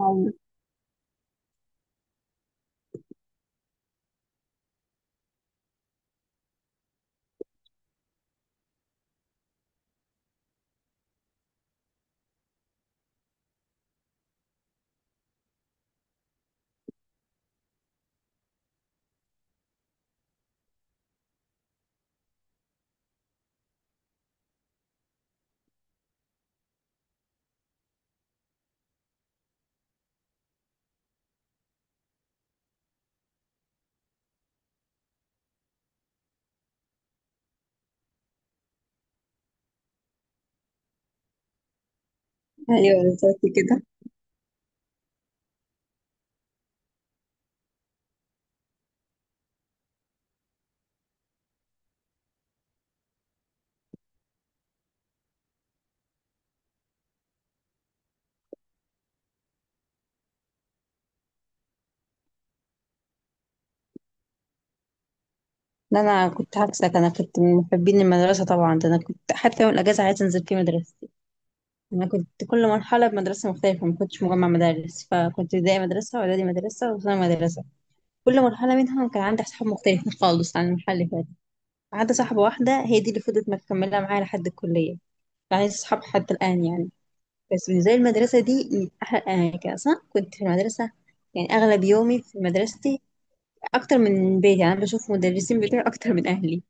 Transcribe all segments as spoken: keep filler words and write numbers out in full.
أيوة، أيوة، بالظبط كده. لا، أنا كنت عكسك، أنا كنت من محبين المدرسة. طبعا ده أنا كنت حتى يوم الأجازة عايزة أنزل في مدرستي. أنا كنت كل مرحلة بمدرسة مختلفة، ما كنتش مجمع مدارس، فكنت ابتدائي مدرسة وإعدادي مدرسة وثانوي مدرسة. كل مرحلة منهم كان عندي أصحاب مختلفين خالص عن المرحلة اللي فاتت، ما عدا صاحبة واحدة هي دي اللي فضلت مكملة معايا لحد الكلية، يعني صحاب حتى الآن يعني. بس بالنسبة لي المدرسة دي من أحلى الأماكن، أصلا كنت في المدرسة يعني أغلب يومي في مدرستي، اكتر من بيتي. يعني انا بشوف مدرسين بتوعي اكتر من اهلي.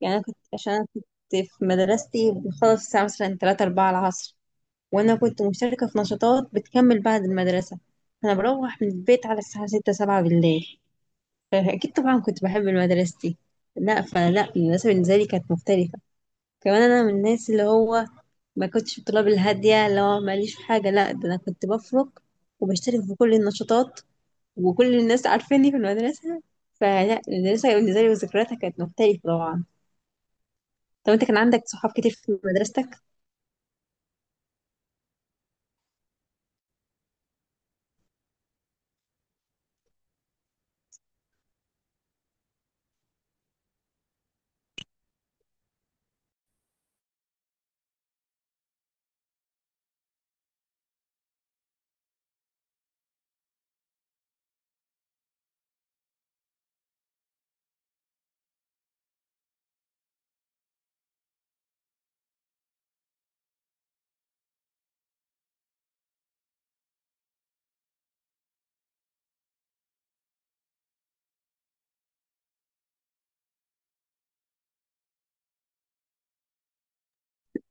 يعني انا كنت عشان انا كنت في مدرستي بخلص الساعه مثلا ثلاثة أربعة العصر، وانا كنت مشتركه في نشاطات بتكمل بعد المدرسه. انا بروح من البيت على الساعه ستة سبعة بالليل، فاكيد طبعا كنت بحب مدرستي. لا، فلا المدرسه بالنسبه لي كانت مختلفه. كمان انا من الناس اللي هو ما كنتش الطلاب الهاديه اللي هو ماليش في حاجه، لا ده انا كنت بفرق وبشترك في كل النشاطات، وكل الناس عارفاني في المدرسة. فلا المدرسة بالنسبة لي وذكرياتها كانت مختلفة طبعا. طب انت كان عندك صحاب كتير في مدرستك؟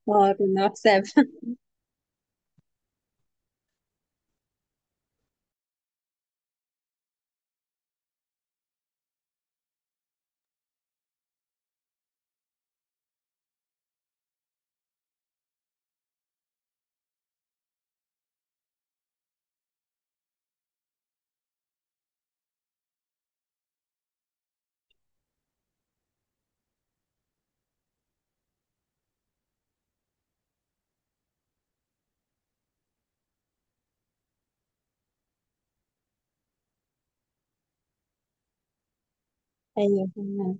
اه كنا وحساب. ايوه كنا.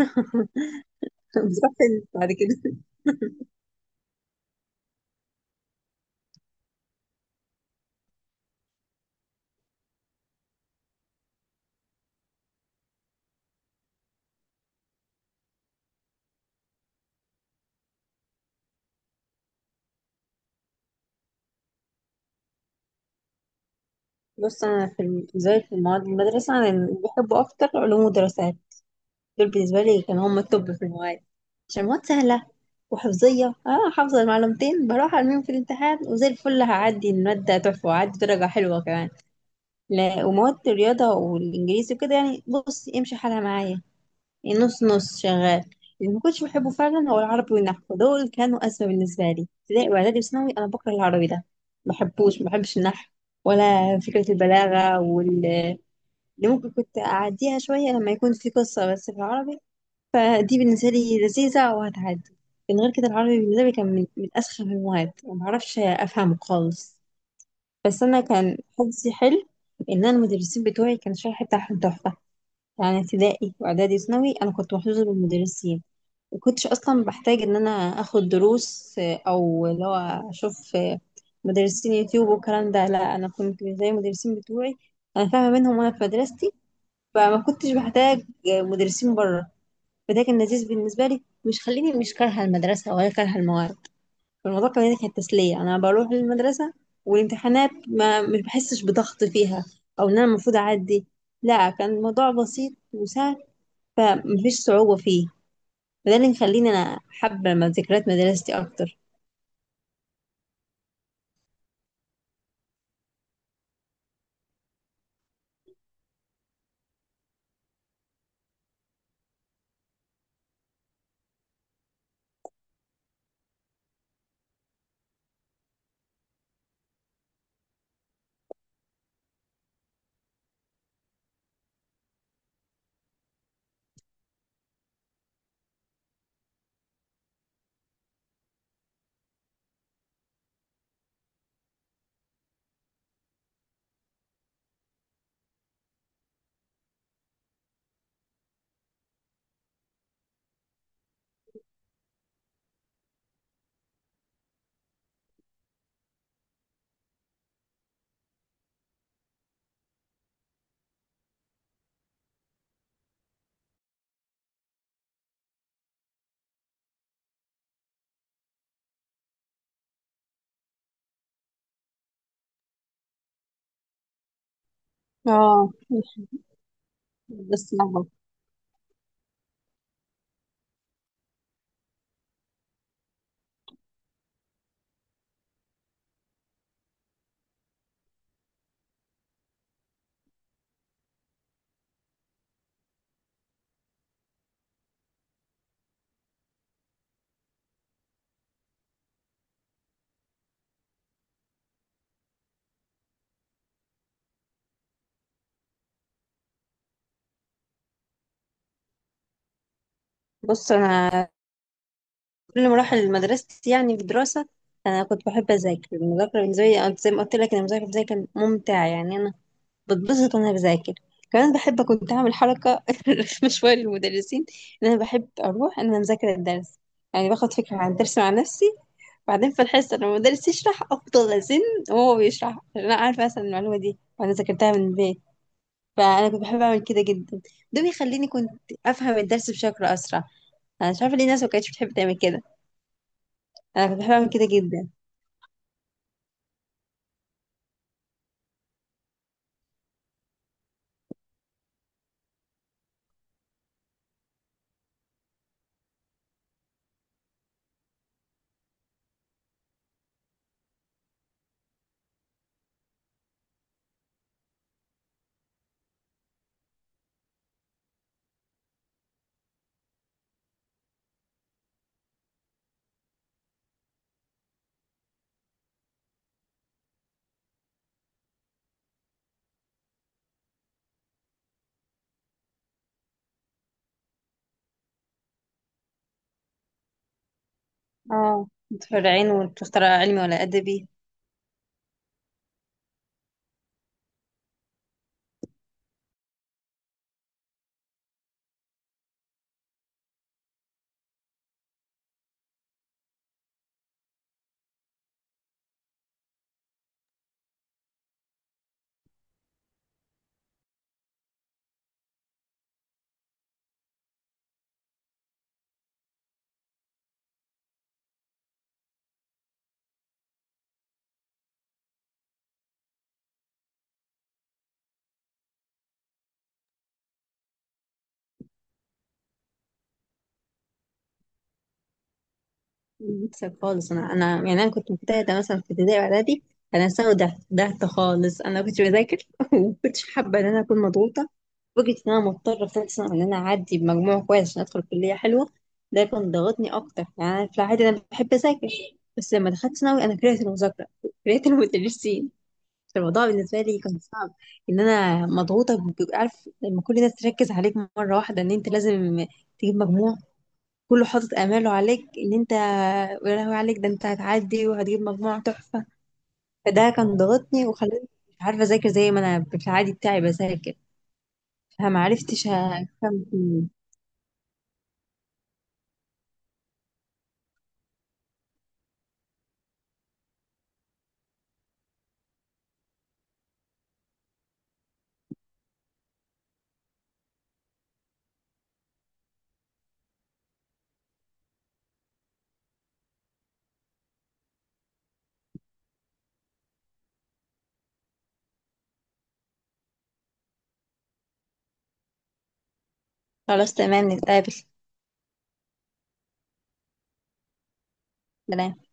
بتروح فين بعد كده؟ بص انا في الم- بالنسبة لي في المواد المدرسة، انا اللي بحبه اكتر علوم ودراسات. دول بالنسبة لي كانوا هم التوب في المواد، عشان المواد سهلة وحفظية، اه حافظة المعلومتين بروح ارميهم في الامتحان وزي الفل، هعدي المادة تحفة وهعدي درجة حلوة كمان. لا، ومواد الرياضة والإنجليزي وكده يعني بص امشي حالها معايا، يعني نص نص شغال. اللي ما كنتش بحبه فعلا هو العربي والنحو، دول كانوا أزمة بالنسبة لي ابتدائي وإعدادي وثانوي. أنا بكره العربي ده، ما بحبوش ما بحبش النحو ولا فكرة البلاغة. واللي ممكن كنت أعديها شوية لما يكون في قصة بس في العربي، فدي بالنسبة لي لذيذة وهتعدي. من غير كده العربي بالنسبة لي كان من, من أسخف المواد، ومعرفش أفهمه خالص. بس انا كان حظي حلو ان انا المدرسين بتوعي كان الشرح بتاعهم تحفه. يعني ابتدائي واعدادي وثانوي انا كنت محظوظه بالمدرسين، وكنتش اصلا بحتاج ان انا اخد دروس، آه، او اللي هو اشوف آه، مدرسين يوتيوب والكلام ده. لا انا كنت زي المدرسين بتوعي، انا فاهمه منهم وانا في مدرستي. فما كنتش بحتاج آه، مدرسين بره. فده كان لذيذ بالنسبه لي، مش خليني مش كارهه المدرسه ولا كارهه المواد. فالموضوع كمان دي كانت تسلية، أنا بروح المدرسة، والامتحانات ما مش بحسش بضغط فيها، أو إن أنا المفروض أعدي. لا كان الموضوع بسيط وسهل، فمفيش صعوبة فيه. فده اللي مخليني أنا حابة م- ذكريات مدرستي أكتر. اه مش بس لعبة. بص أنا كل مراحل مدرستي يعني في الدراسة أنا كنت بحب أذاكر، المذاكرة بالنسبة لي، أنا زي ما قلت لك إن المذاكرة بالنسبة لي كانت ممتعة، يعني أنا بتبسط وانا بذاكر. كمان بحب كنت اعمل حركه رخمه شويه للمدرسين، ان انا بحب اروح ان انا مذاكره الدرس، يعني باخد فكره عن الدرس مع نفسي، بعدين في الحصه لما المدرس يشرح افضل ازن وهو بيشرح، عشان انا عارفه مثلا المعلومه دي وانا ذاكرتها من البيت. فانا كنت بحب اعمل كده جدا، ده بيخليني كنت افهم الدرس بشكل اسرع. انا مش عارفه ليه الناس ما كانتش بتحب تعمل كده، انا كنت بحب اعمل كده جدا. اه متفرعين وتختار علمي ولا ادبي. بكسب خالص. انا انا يعني انا كنت مجتهده مثلا في ابتدائي واعدادي. انا ثانوي ضعت، ضعت خالص. انا كنت بذاكر وما كنتش حابه ان انا اكون مضغوطه، فكره ان انا مضطره في ثالث سنه ان انا اعدي بمجموع كويس عشان ادخل كليه حلوه. ده كان ضغطني اكتر، يعني أنا في العادي انا بحب اذاكر، بس لما دخلت ثانوي انا كرهت المذاكره، كرهت المدرسين. الموضوع بالنسبه لي كان صعب، ان انا مضغوطه. بيبقى عارف لما كل الناس تركز عليك مره واحده ان انت لازم تجيب مجموع، كله حاطط اماله عليك ان انت يا لهوي عليك، ده انت هتعدي وهتجيب مجموعة تحفة. فده كان ضغطني وخلاني مش عارفة اذاكر زي ما انا في العادي بتاعي بذاكر. فما عرفتش هفهم فيه. خلاص تمام نتقابل. سلام.